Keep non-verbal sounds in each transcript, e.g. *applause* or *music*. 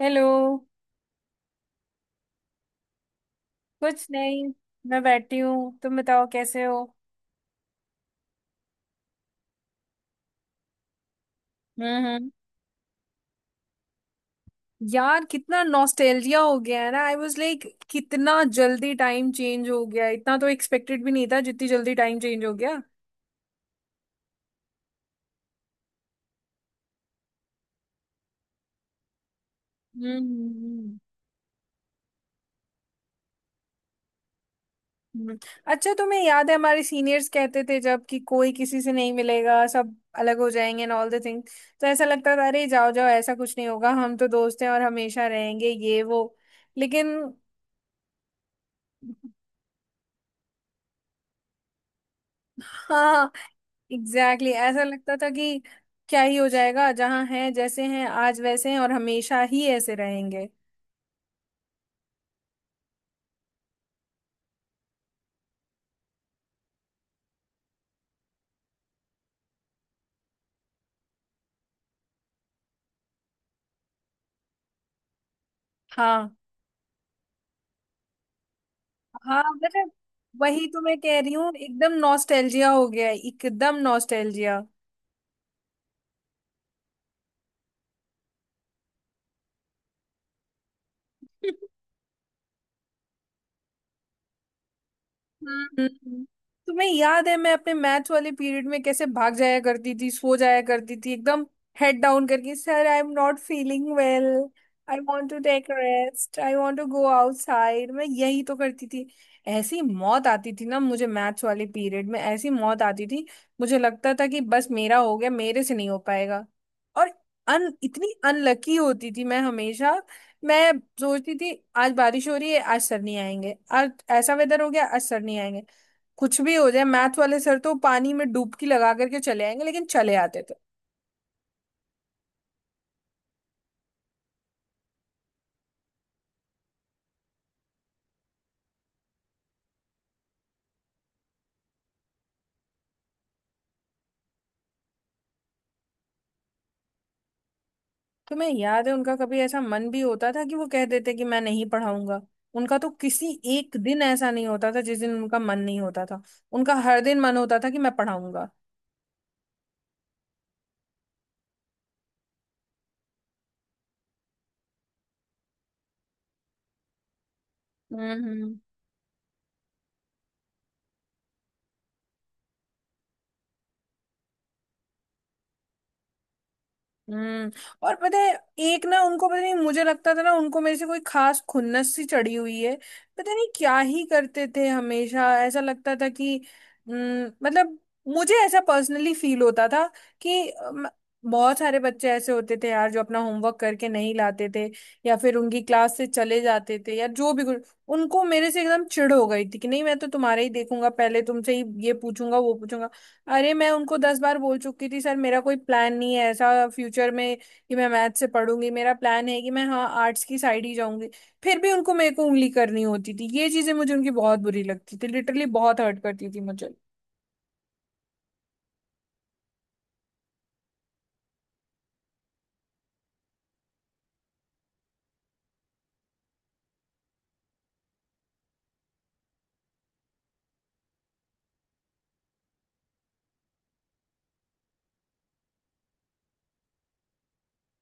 Hello. कुछ नहीं। मैं बैठी हूँ, तुम बताओ कैसे हो। हम्म, यार, कितना नॉस्टैल्जिया हो गया है ना। आई वाज लाइक कितना जल्दी टाइम चेंज हो गया। इतना तो एक्सपेक्टेड भी नहीं था जितनी जल्दी टाइम चेंज हो गया। हम्म, हम्म, हम्म। अच्छा, तुम्हें याद है हमारे सीनियर्स कहते थे जब कि कोई किसी से नहीं मिलेगा, सब अलग हो जाएंगे एंड ऑल द थिंग। तो ऐसा लगता था अरे जाओ जाओ, ऐसा कुछ नहीं होगा, हम तो दोस्त हैं और हमेशा रहेंगे ये वो। लेकिन। हाँ, एग्जैक्टली exactly. ऐसा लगता था कि क्या ही हो जाएगा, जहाँ हैं जैसे हैं, आज वैसे हैं और हमेशा ही ऐसे रहेंगे। हाँ, हाँ, मतलब वही तो मैं कह रही हूँ, एकदम नॉस्टैल्जिया हो गया है, एकदम नॉस्टैल्जिया। हम्म, हम्म। तुम्हें याद है मैं अपने मैथ्स वाले पीरियड में कैसे भाग जाया करती थी, सो जाया करती थी एकदम हेड डाउन करके, sir I am not feeling well. I want to take rest, I want to go outside. मैं यही तो करती थी। ऐसी मौत आती थी ना मुझे मैथ्स वाले पीरियड में, ऐसी मौत आती थी। मुझे लगता था कि बस मेरा हो गया, मेरे से नहीं हो पाएगा। और अन इतनी अनलकी होती थी मैं हमेशा। मैं सोचती थी आज बारिश हो रही है आज सर नहीं आएंगे, आज ऐसा वेदर हो गया आज सर नहीं आएंगे। कुछ भी हो जाए, मैथ वाले सर तो पानी में डुबकी लगा करके चले आएंगे, लेकिन चले आते थे। तो मैं, याद है उनका कभी ऐसा मन भी होता था कि वो कह देते कि मैं नहीं पढ़ाऊंगा। उनका तो किसी एक दिन ऐसा नहीं होता था जिस दिन उनका मन नहीं होता था। उनका हर दिन मन होता था कि मैं पढ़ाऊंगा। हम्म, हम्म। और पता है, एक ना, उनको पता नहीं, मुझे लगता था ना उनको मेरे से कोई खास खुन्नस सी चढ़ी हुई है। पता नहीं क्या ही करते थे, हमेशा ऐसा लगता था कि मतलब मुझे ऐसा पर्सनली फील होता था कि बहुत सारे बच्चे ऐसे होते थे यार जो अपना होमवर्क करके नहीं लाते थे, या फिर उनकी क्लास से चले जाते थे या जो भी कुछ। उनको मेरे से एकदम चिढ़ हो गई थी कि नहीं, मैं तो तुम्हारा ही देखूंगा, पहले तुमसे ही ये पूछूंगा वो पूछूंगा। अरे मैं उनको 10 बार बोल चुकी थी, सर मेरा कोई प्लान नहीं है ऐसा फ्यूचर में कि मैं मैथ से पढ़ूंगी, मेरा प्लान है कि मैं, हाँ, आर्ट्स की साइड ही जाऊंगी। फिर भी उनको मेरे को उंगली करनी होती थी, ये चीजें मुझे उनकी बहुत बुरी लगती थी, लिटरली बहुत हर्ट करती थी मुझे।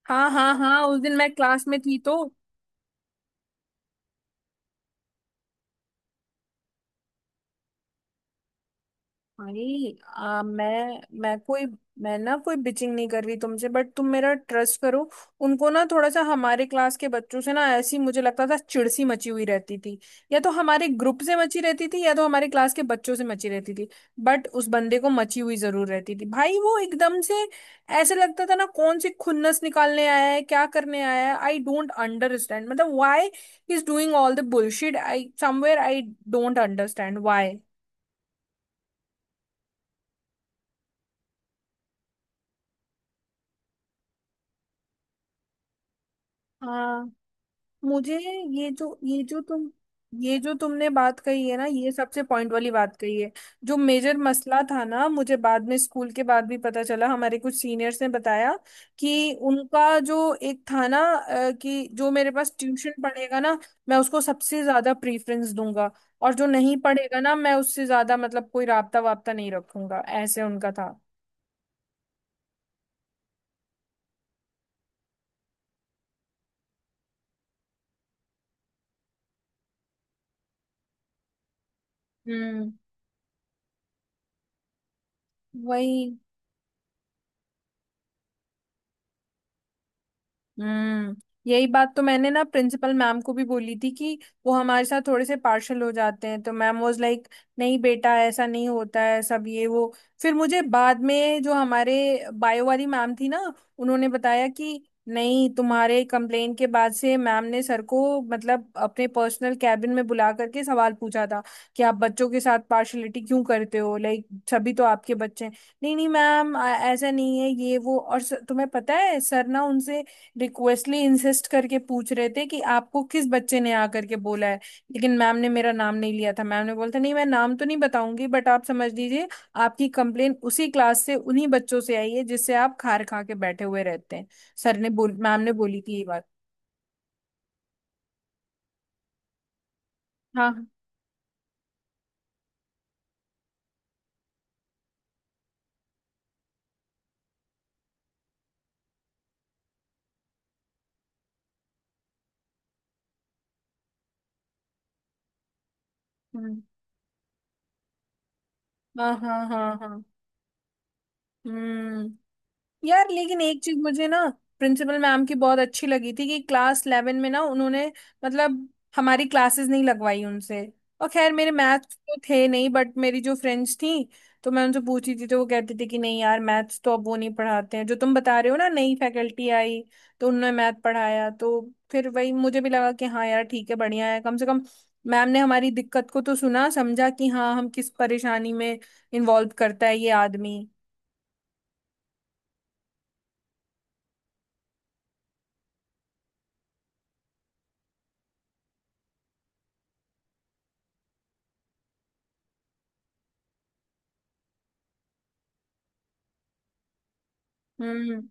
हाँ, हाँ, हाँ, उस दिन मैं क्लास में थी तो। भाई, मैं ना कोई बिचिंग नहीं कर रही तुमसे, बट तुम मेरा ट्रस्ट करो। उनको ना थोड़ा सा हमारे क्लास के बच्चों से ना, ऐसी मुझे लगता था चिड़ सी मची हुई रहती थी। या तो हमारे ग्रुप से मची रहती थी, या तो हमारे क्लास के बच्चों से मची रहती थी। बट उस बंदे को मची हुई जरूर रहती थी भाई, वो एकदम से ऐसे लगता था ना, कौन सी खुन्नस निकालने आया है, क्या करने आया है। आई डोंट अंडरस्टैंड मतलब why is doing all the bullshit. I somewhere, I don't understand why. हाँ, मुझे ये जो ये जो तुम ये जो तुमने बात कही है ना, ये सबसे पॉइंट वाली बात कही है। जो मेजर मसला था ना, मुझे बाद में स्कूल के बाद भी पता चला, हमारे कुछ सीनियर्स ने बताया कि उनका जो एक था ना, कि जो मेरे पास ट्यूशन पढ़ेगा ना, मैं उसको सबसे ज्यादा प्रीफरेंस दूंगा। और जो नहीं पढ़ेगा ना, मैं उससे ज्यादा मतलब कोई राबता वाबता नहीं रखूंगा, ऐसे उनका था। हम्म, वही, हम्म। यही बात तो मैंने ना प्रिंसिपल मैम को भी बोली थी कि वो हमारे साथ थोड़े से पार्शल हो जाते हैं, तो मैम वाज लाइक नहीं बेटा ऐसा नहीं होता है सब ये वो। फिर मुझे बाद में जो हमारे बायो वाली मैम थी ना, उन्होंने बताया कि नहीं तुम्हारे कंप्लेन के बाद से मैम ने सर को मतलब अपने पर्सनल कैबिन में बुला करके सवाल पूछा था कि आप बच्चों के साथ पार्शलिटी क्यों करते हो, लाइक सभी तो आपके बच्चे हैं। नहीं नहीं मैम, ऐसा नहीं है ये वो। और तुम्हें पता है सर ना उनसे रिक्वेस्टली इंसिस्ट करके पूछ रहे थे कि आपको किस बच्चे ने आकर के बोला है। लेकिन मैम ने मेरा नाम नहीं लिया था, मैम ने बोला था नहीं मैं नाम तो नहीं बताऊंगी, बट आप समझ लीजिए, आपकी कंप्लेन उसी क्लास से उन्हीं बच्चों से आई है जिससे आप खार खा के बैठे हुए रहते हैं। सर ने बोल मैम ने बोली थी ये बात। हाँ, हाँ, हाँ, हाँ, हाँ, हाँ। हम्म। यार लेकिन एक चीज मुझे ना प्रिंसिपल मैम की बहुत अच्छी लगी थी कि क्लास 11 में ना उन्होंने, मतलब, हमारी क्लासेस नहीं लगवाई उनसे। और खैर मेरे मैथ्स तो थे नहीं, बट मेरी जो फ्रेंड्स थी, तो मैं उनसे पूछी थी तो वो कहती थी कि नहीं यार, मैथ्स तो अब वो नहीं पढ़ाते हैं जो तुम बता रहे हो ना, नई फैकल्टी आई तो उन्होंने मैथ पढ़ाया। तो फिर वही मुझे भी लगा कि हाँ यार ठीक है, बढ़िया है, कम से कम मैम ने हमारी दिक्कत को तो सुना समझा कि हाँ, हम किस परेशानी में इन्वॉल्व करता है ये आदमी। हम्म।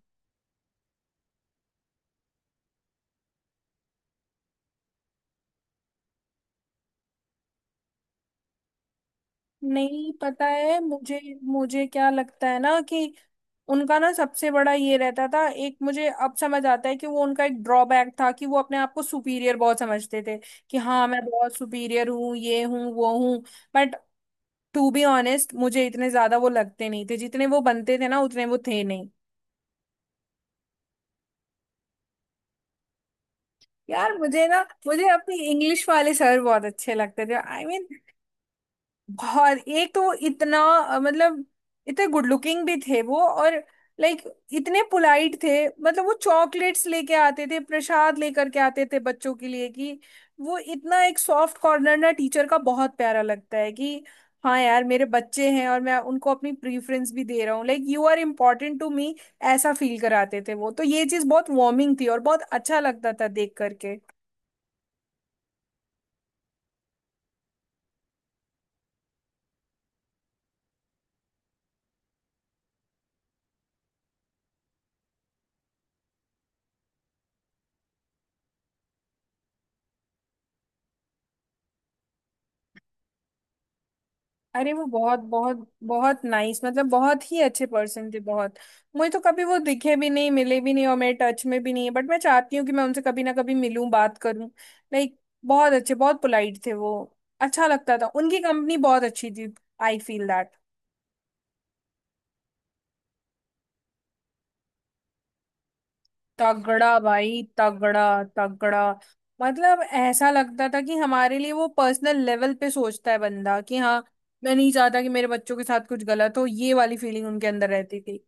नहीं पता है, मुझे मुझे क्या लगता है ना कि उनका ना सबसे बड़ा ये रहता था, एक मुझे अब समझ आता है कि वो उनका एक ड्रॉबैक था कि वो अपने आप को सुपीरियर बहुत समझते थे, कि हाँ मैं बहुत सुपीरियर हूँ ये हूँ वो हूँ। बट टू बी ऑनेस्ट मुझे इतने ज्यादा वो लगते नहीं थे, जितने वो बनते थे ना उतने वो थे नहीं। यार मुझे ना, मुझे अपने इंग्लिश वाले सर बहुत अच्छे लगते थे। आई I मीन, और एक तो वो इतना, मतलब इतने गुड लुकिंग भी थे वो, और लाइक इतने पोलाइट थे। मतलब वो चॉकलेट्स लेके आते थे, प्रसाद लेकर के आते थे बच्चों के लिए, कि वो इतना एक सॉफ्ट कॉर्नर ना, टीचर का बहुत प्यारा लगता है कि हाँ यार मेरे बच्चे हैं और मैं उनको अपनी प्रीफरेंस भी दे रहा हूँ, like you are important to me. ऐसा फील कराते थे वो, तो ये चीज़ बहुत वार्मिंग थी और बहुत अच्छा लगता था देख करके। अरे वो बहुत बहुत बहुत नाइस, मतलब बहुत ही अच्छे पर्सन थे, बहुत। मुझे तो कभी वो दिखे भी नहीं, मिले भी नहीं, और मेरे टच में भी नहीं है, बट मैं चाहती हूँ कि मैं उनसे कभी ना कभी मिलूं, बात करूं। लाइक बहुत अच्छे, बहुत पोलाइट थे वो। अच्छा लगता था, उनकी कंपनी बहुत अच्छी थी। I feel that. तगड़ा भाई, तगड़ा तगड़ा। मतलब ऐसा लगता था कि हमारे लिए वो पर्सनल लेवल पे सोचता है बंदा, कि हाँ मैं नहीं चाहता कि मेरे बच्चों के साथ कुछ गलत हो, ये वाली फीलिंग उनके अंदर रहती थी।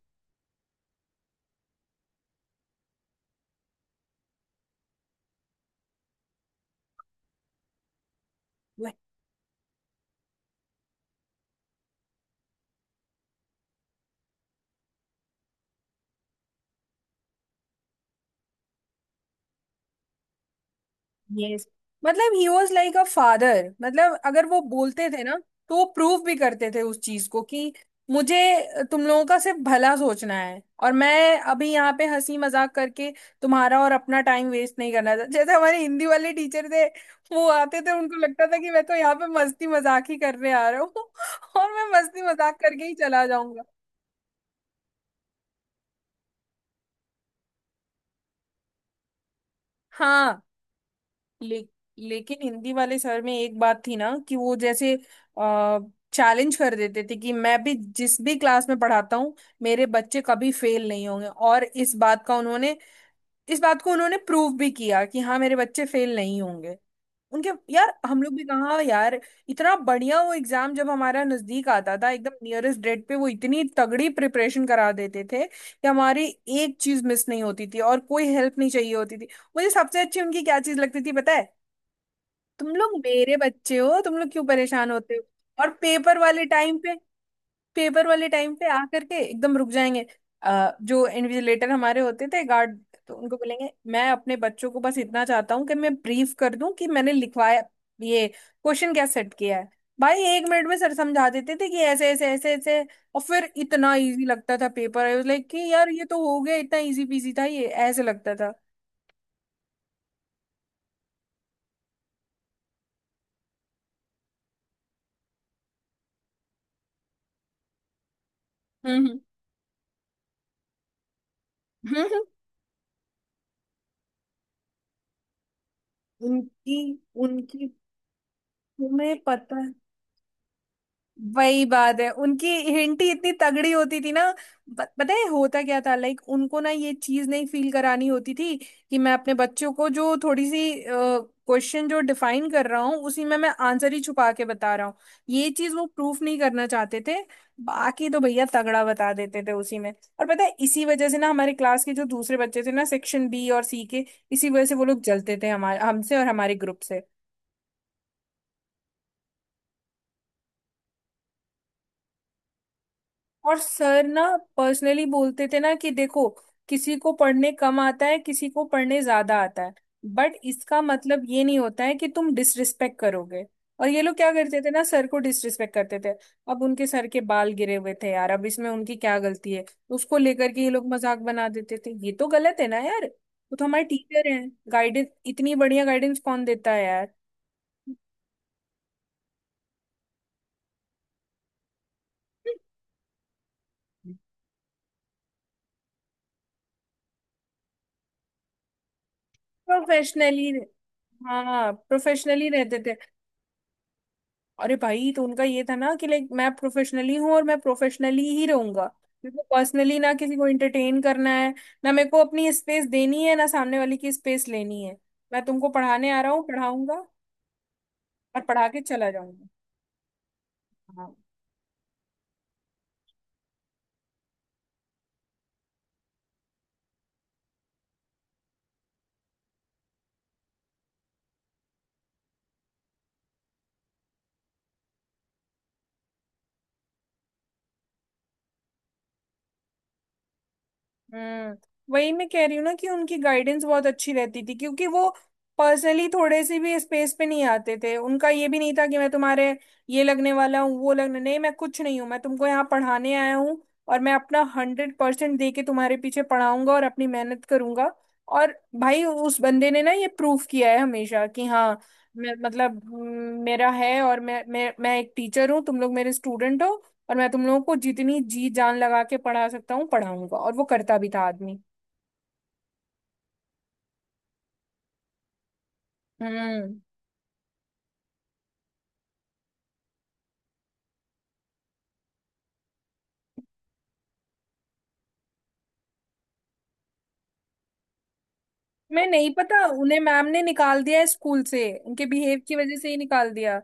यस, मतलब he was like a father. मतलब अगर वो बोलते थे ना, तो वो प्रूव भी करते थे उस चीज को, कि मुझे तुम लोगों का सिर्फ भला सोचना है और मैं अभी यहाँ पे हंसी मजाक करके तुम्हारा और अपना टाइम वेस्ट नहीं करना था, जैसे हमारे हिंदी वाले टीचर थे। वो आते थे, उनको लगता था कि मैं तो यहाँ पे मस्ती मजाक ही करने आ रहा हूँ *laughs* और मैं मस्ती मजाक करके ही चला जाऊंगा। हाँ, ले, लेकिन हिंदी वाले सर में एक बात थी ना कि वो जैसे आ, चैलेंज कर देते थे कि मैं भी जिस भी क्लास में पढ़ाता हूँ मेरे बच्चे कभी फेल नहीं होंगे, और इस बात को उन्होंने प्रूव भी किया कि हाँ मेरे बच्चे फेल नहीं होंगे। उनके यार हम लोग भी कहाँ यार, इतना बढ़िया वो एग्जाम जब हमारा नजदीक आता था, एकदम नियरेस्ट डेट पे वो इतनी तगड़ी प्रिपरेशन करा देते थे कि हमारी एक चीज मिस नहीं होती थी और कोई हेल्प नहीं चाहिए होती थी। मुझे सबसे अच्छी उनकी क्या चीज लगती थी पता है, तुम लोग मेरे बच्चे हो, तुम लोग क्यों परेशान होते हो। और पेपर वाले टाइम पे आकर के एकदम रुक जाएंगे। जो इन्विजिलेटर हमारे होते थे, गार्ड, तो उनको बोलेंगे मैं अपने बच्चों को बस इतना चाहता हूँ कि मैं ब्रीफ कर दूं कि मैंने लिखवाया ये क्वेश्चन क्या सेट किया है। भाई एक मिनट में सर समझा देते थे कि ऐसे ऐसे ऐसे ऐसे, और फिर इतना इजी लगता था पेपर, आई वाज लाइक कि यार ये तो हो गया, इतना इजी पीजी था ये, ऐसे लगता था। हम्म, हम्म, *laughs* हम्म। उनकी उनकी तुम्हें पता, वही बात है उनकी, हिंट ही इतनी तगड़ी होती थी ना। पता है होता क्या था, लाइक उनको ना ये चीज नहीं फील करानी होती थी कि मैं अपने बच्चों को जो थोड़ी सी क्वेश्चन जो डिफाइन कर रहा हूँ उसी में मैं आंसर ही छुपा के बता रहा हूँ। ये चीज वो प्रूफ नहीं करना चाहते थे। बाकी तो भैया तगड़ा बता देते थे उसी में। और पता है इसी वजह से ना हमारे क्लास के जो दूसरे बच्चे थे ना सेक्शन बी और सी के, इसी वजह से वो लोग जलते थे हमारे हमसे और हमारे ग्रुप से। और सर ना पर्सनली बोलते थे ना कि देखो, किसी को पढ़ने कम आता है किसी को पढ़ने ज्यादा आता है। बट इसका मतलब ये नहीं होता है कि तुम डिसरिस्पेक्ट करोगे। और ये लोग क्या करते थे ना, सर को डिसरिस्पेक्ट करते थे। अब उनके सर के बाल गिरे हुए थे यार, अब इसमें उनकी क्या गलती है। उसको लेकर के ये लोग मजाक बना देते थे, ये तो गलत है ना यार, वो तो हमारे टीचर हैं, गाइडेंस इतनी बढ़िया गाइडेंस कौन देता है यार। *laughs* प्रोफेशनली। हाँ प्रोफेशनली रहते थे। अरे भाई तो उनका ये था ना कि लाइक मैं प्रोफेशनली हूँ और मैं प्रोफेशनली ही रहूंगा। क्योंकि पर्सनली ना किसी को एंटरटेन करना है, ना मेरे को अपनी स्पेस देनी है ना सामने वाले की स्पेस लेनी है। मैं तुमको पढ़ाने आ रहा हूँ, पढ़ाऊंगा और पढ़ा के चला जाऊंगा। हम्म। वही मैं कह रही हूँ ना कि उनकी गाइडेंस बहुत अच्छी रहती थी क्योंकि वो पर्सनली थोड़े से भी स्पेस पे नहीं आते थे। उनका ये भी नहीं था कि मैं तुम्हारे ये लगने वाला हूँ वो लगने, नहीं मैं कुछ नहीं हूँ, मैं तुमको यहाँ पढ़ाने आया हूँ। और मैं अपना 100% दे के तुम्हारे पीछे पढ़ाऊंगा और अपनी मेहनत करूंगा। और भाई उस बंदे ने ना ये प्रूफ किया है हमेशा कि हाँ, मैं मतलब मेरा है और मैं एक टीचर हूँ, तुम लोग मेरे स्टूडेंट हो। और मैं तुम लोगों को जितनी जी जान लगा के पढ़ा सकता हूँ पढ़ाऊंगा, और वो करता भी था आदमी। हम्म। मैं नहीं पता, उन्हें मैम ने निकाल दिया है स्कूल से, उनके बिहेव की वजह से ही निकाल दिया।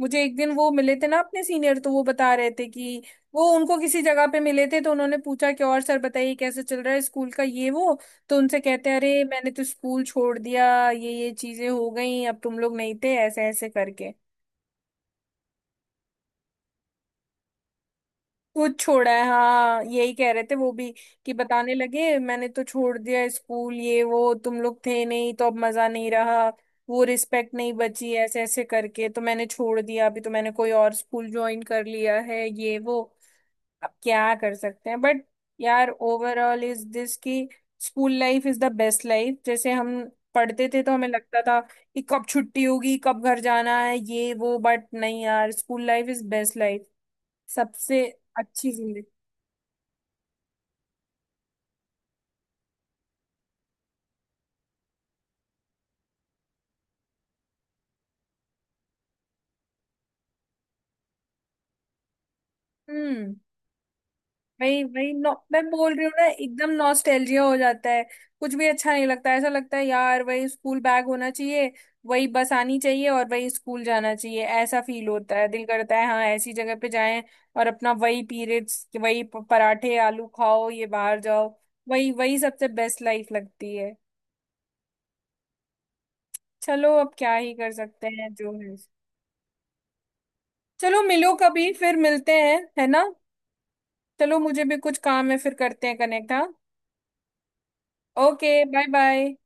मुझे एक दिन वो मिले थे ना अपने सीनियर, तो वो बता रहे थे कि वो उनको किसी जगह पे मिले थे तो उन्होंने पूछा कि और सर बताइए कैसे चल रहा है स्कूल का ये वो। तो उनसे कहते हैं अरे मैंने तो स्कूल छोड़ दिया, ये चीजें हो गई, अब तुम लोग नहीं थे ऐसे ऐसे करके। कुछ छोड़ा है, हाँ यही कह रहे थे वो भी, कि बताने लगे मैंने तो छोड़ दिया स्कूल ये वो, तुम लोग थे नहीं तो अब मजा नहीं रहा, वो रिस्पेक्ट नहीं बची ऐसे ऐसे करके तो मैंने छोड़ दिया, अभी तो मैंने कोई और स्कूल ज्वाइन कर लिया है ये वो। अब क्या कर सकते हैं। बट यार ओवरऑल इज दिस कि school life is the best life. जैसे हम पढ़ते थे तो हमें लगता था कि कब छुट्टी होगी कब घर जाना है ये वो, बट नहीं यार school life is best life, सबसे अच्छी जिंदगी। हम्म। वही वही नौ, मैं बोल रही हूँ ना, एकदम नॉस्टैल्जिया हो जाता है। कुछ भी अच्छा नहीं लगता, ऐसा लगता है यार वही स्कूल बैग होना चाहिए, वही बस आनी चाहिए और वही स्कूल जाना चाहिए, ऐसा फील होता है, दिल करता है हाँ ऐसी जगह पे जाएं। और अपना वही पीरियड्स वही पराठे आलू खाओ ये बाहर जाओ। वही वही सबसे बेस्ट लाइफ लगती है। चलो अब क्या ही कर सकते हैं जो है। चलो मिलो कभी, फिर मिलते हैं है ना। चलो मुझे भी कुछ काम है, फिर करते हैं कनेक्ट, हाँ। Okay bye bye.